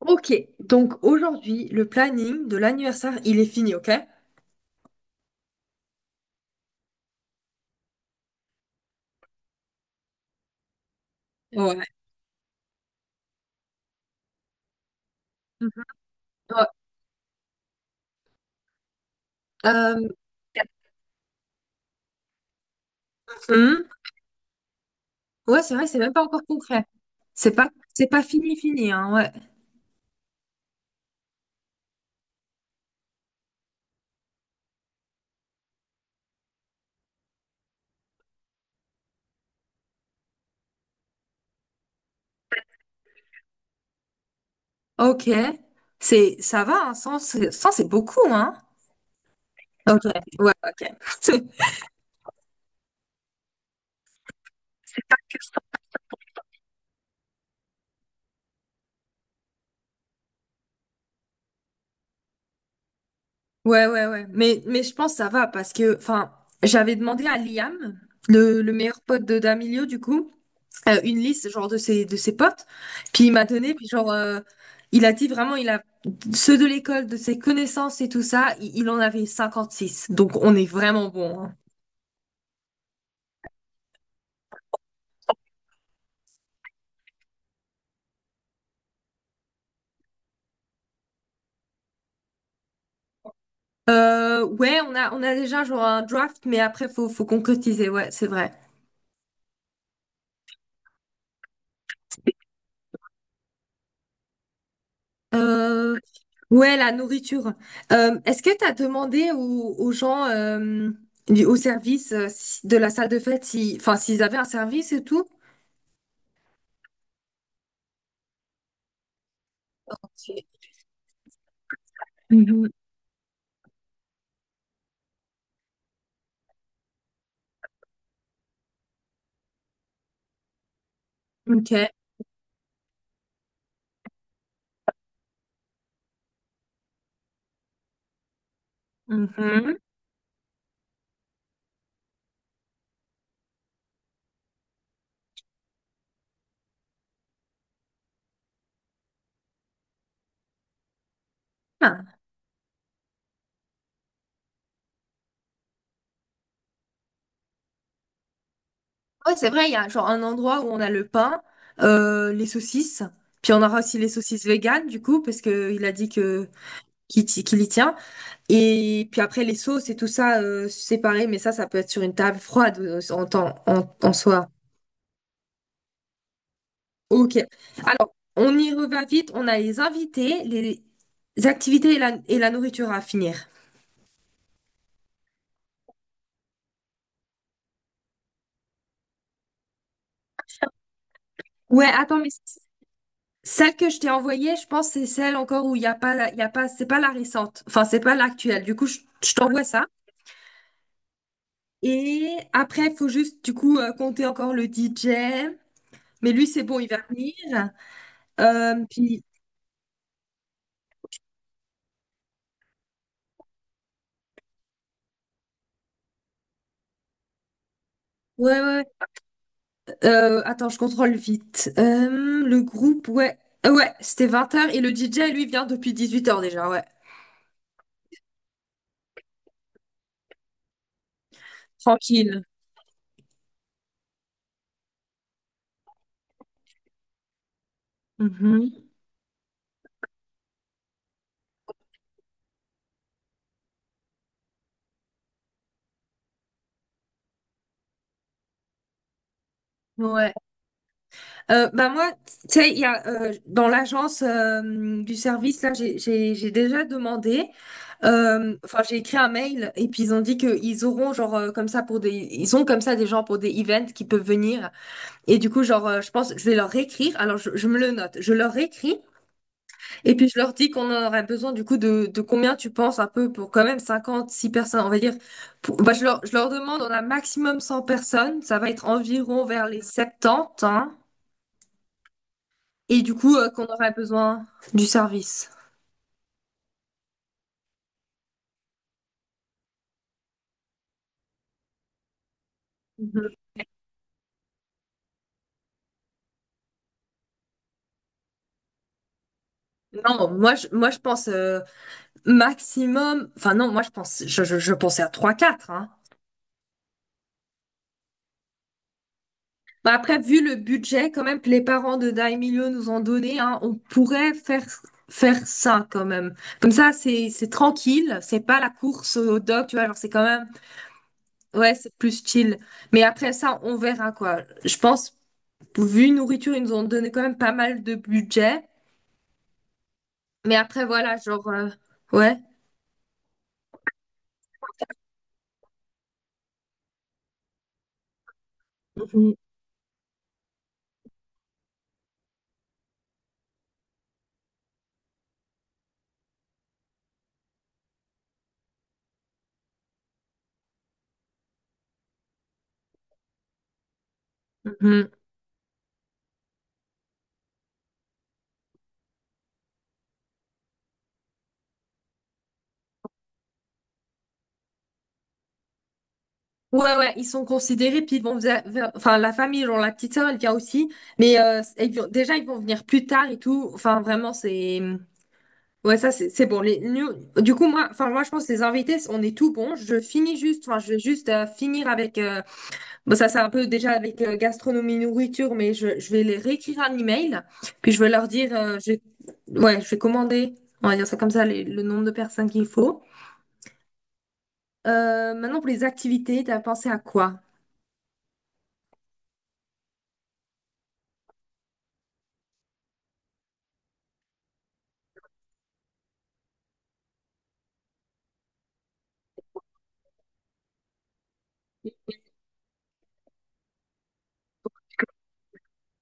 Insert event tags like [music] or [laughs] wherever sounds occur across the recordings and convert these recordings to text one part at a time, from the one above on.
Ok, donc aujourd'hui, le planning de l'anniversaire, il est fini, ok? Ouais. Mhm. Ouais, Euh, hum, ouais, c'est vrai, c'est même pas encore concret. C'est pas, c'est pas fini, fini, hein, ouais. Ok, ça va, hein, 100, c'est 100, c'est beaucoup, hein? Ok, ouais, ok. [laughs] Ouais, ouais, ouais. Mais je pense que ça va parce que, enfin, j'avais demandé à Liam, le meilleur pote de Damilio, du coup. Une liste genre de ses potes, puis il m'a donné, puis genre il a dit vraiment il a ceux de l'école, de ses connaissances et tout ça, il en avait 56, donc on est vraiment bon, hein. Ouais, on a déjà genre un draft, mais après faut concrétiser, ouais, c'est vrai. Euh, ouais la nourriture. Est-ce que t'as demandé aux gens, au service, de la salle de fête, si enfin s'ils avaient un service et tout. Ok. Mhm. Ok. Mhm. Ouais, c'est vrai, il y a genre un endroit où on a le pain, les saucisses, puis on aura aussi les saucisses véganes, du coup, parce que il a dit qu'il y tient. Et puis après, les sauces et tout ça, séparé, mais ça peut être sur une table froide, en soi. Ok. Alors, on y revient vite. On a les invités, les activités et la nourriture à finir. Ouais, attends, mais celle que je t'ai envoyée, je pense que c'est celle encore où il y a pas, la- il y a pas, c'est pas la récente. Enfin, c'est pas l'actuelle. Du coup, je t'envoie ça. Et après, il faut juste, du coup, compter encore le DJ. Mais lui, c'est bon, il va venir. Euh, puis, ouais, ouais, ouais. Attends, je contrôle vite. Le groupe, ouais. Ouais, c'était 20 heures. Et le DJ, lui, vient depuis 18 heures déjà, ouais. Tranquille. Mhm. Ouais. Bah moi, tu sais, il y a dans l'agence, du service là, j'ai déjà demandé. Enfin, j'ai écrit un mail et puis ils ont dit qu'ils auront genre, comme ça pour ils ont comme ça des gens pour des events qui peuvent venir. Et du coup, genre, je pense que je vais leur écrire. Alors, je me le note. Je leur écris et puis je leur dis qu'on en aurait besoin du coup de combien, tu penses un peu, pour quand même 56 personnes, on va dire. Bah, je leur demande, on a maximum 100 personnes. Ça va être environ vers les 70, hein. Et du coup, qu'on aurait besoin du service. Mhm. Non, moi, je pense, maximum. Enfin, non, moi, je pense, je pensais à trois quatre. Hein. Bah, après, vu le budget, quand même, que les parents de Daimilio nous ont donné, hein, on pourrait faire ça quand même. Comme ça, c'est tranquille. C'est pas la course au doc, tu vois. Genre, c'est quand même. Ouais, c'est plus chill. Mais après ça, on verra quoi. Je pense, vu nourriture, ils nous ont donné quand même pas mal de budget. Mais après, voilà, genre. Ouais. Mhm. Ouais, ouais, ils sont considérés, puis ils vont vers, enfin, la famille, genre la petite sœur, elle vient aussi, mais déjà, ils vont venir plus tard et tout, enfin, vraiment, c'est, ouais, ça, c'est bon, du coup, moi, enfin, moi, je pense que les invités, on est tout bon, je finis juste, enfin, je vais juste finir avec, bon, ça, c'est un peu déjà avec gastronomie, nourriture, mais je vais les réécrire un email, puis je vais leur dire, ouais, je vais commander, on va dire ça comme ça, le nombre de personnes qu'il faut. Maintenant, pour les activités, t'as pensé à quoi?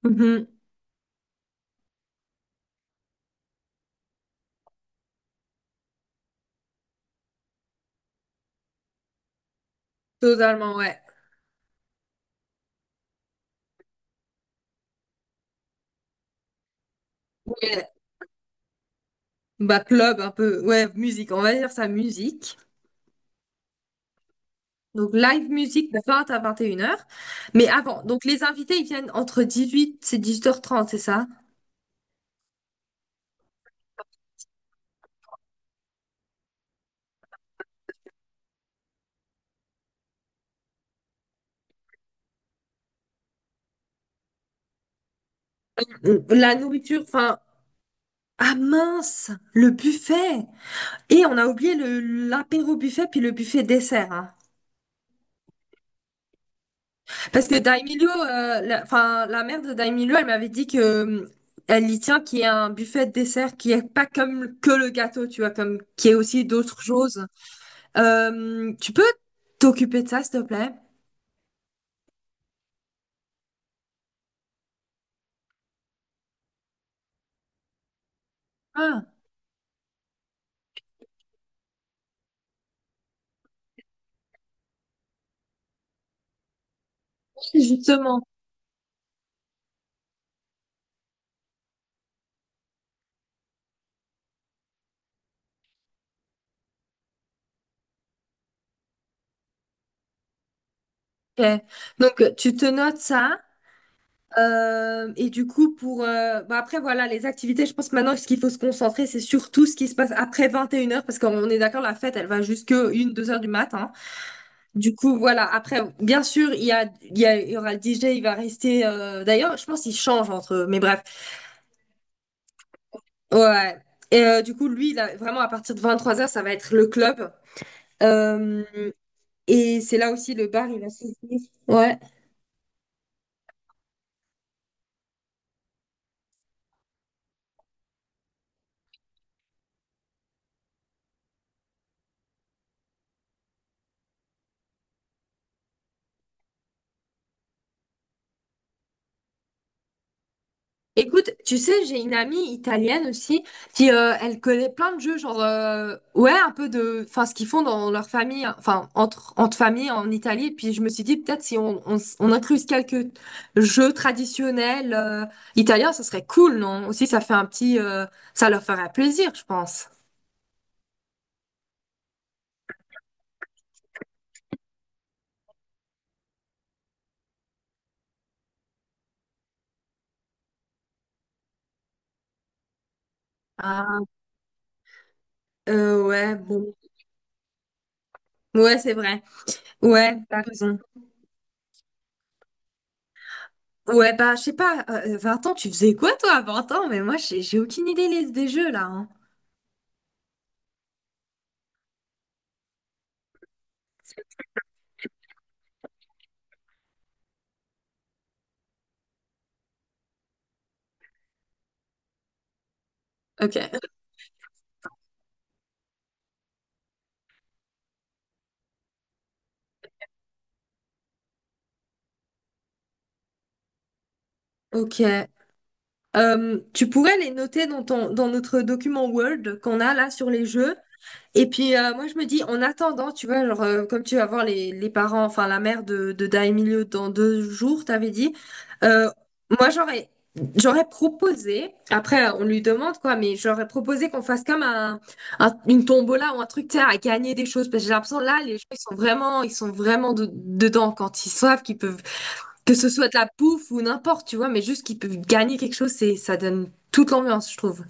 Mhm. Totalement, ouais. Ouais. Bah, club un peu, ouais, musique, on va dire ça, musique. Donc, live musique de 20 à 21 heures. Mais avant, donc les invités, ils viennent entre 18 et 18h30, c'est ça? Mm. La nourriture, enfin, ah mince, le buffet! Et on a oublié le l'apéro buffet, puis le buffet dessert, hein. Parce que Daimilio, enfin, la mère de Daimilio, elle m'avait dit que, elle y tient qu'il y a un buffet de dessert qui est pas comme que le gâteau, tu vois, comme qui est aussi d'autres choses. Tu peux t'occuper de ça, s'il te plaît? Ah, [laughs] justement. Ok. Donc tu te notes ça. Et du coup, pour, bah, après voilà les activités, je pense que maintenant ce qu'il faut se concentrer, c'est surtout ce qui se passe après 21h, parce qu'on est d'accord, la fête, elle va jusque une deux heures du matin. Du coup, voilà. Après, bien sûr, il y a, il y a, il y aura le DJ, il va rester. D'ailleurs, je pense qu'il change entre eux, mais bref. Ouais. Et, du coup, lui, là, vraiment, à partir de 23 heures, ça va être le club. Euh, et c'est là aussi le bar, il va s'ouvrir. Ouais. Écoute, tu sais, j'ai une amie italienne aussi qui, elle connaît plein de jeux, genre, ouais, un peu de, enfin, ce qu'ils font dans leur famille, hein, enfin entre familles en Italie, puis je me suis dit peut-être si on incluse quelques jeux traditionnels, italiens, ça serait cool, non? Aussi ça fait un petit, ça leur ferait plaisir, je pense. Ah, ouais, bon, ouais, c'est vrai, ouais, t'as raison. Ouais, bah, je sais pas, 20 ans, tu faisais quoi toi à 20 ans? Mais moi, j'ai aucune idée des jeux là, hein. Ok. Ok. Tu pourrais les noter dans dans notre document Word qu'on a là sur les jeux. Et puis, moi je me dis, en attendant, tu vois, genre, comme tu vas voir les parents, enfin la mère de Daemilio dans 2 jours, t'avais dit, euh, moi j'aurais proposé, après, on lui demande quoi, mais j'aurais proposé qu'on fasse comme un, une tombola ou un truc, tu sais, à gagner des choses, parce que j'ai l'impression là les gens, ils sont vraiment dedans quand ils savent qu'ils peuvent, que ce soit de la pouffe ou n'importe, tu vois, mais juste qu'ils peuvent gagner quelque chose, ça donne toute l'ambiance, je trouve.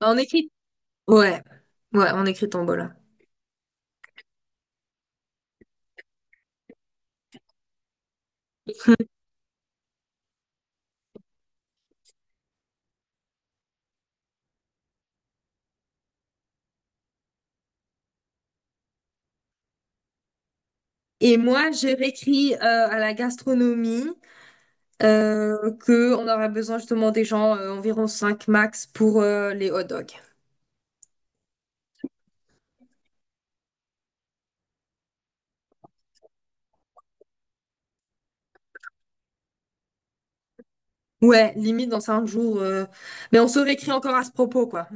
En écrit, ouais, ouais, en écrit tombola. Et moi, j'ai réécrit, à la gastronomie, que on aurait besoin justement des gens, environ 5 max pour, les hot dogs. Ouais, limite dans 5 jours. Mais on se réécrit encore à ce propos, quoi.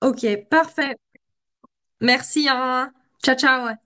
Ok, parfait. Merci, hein. Ciao, ciao.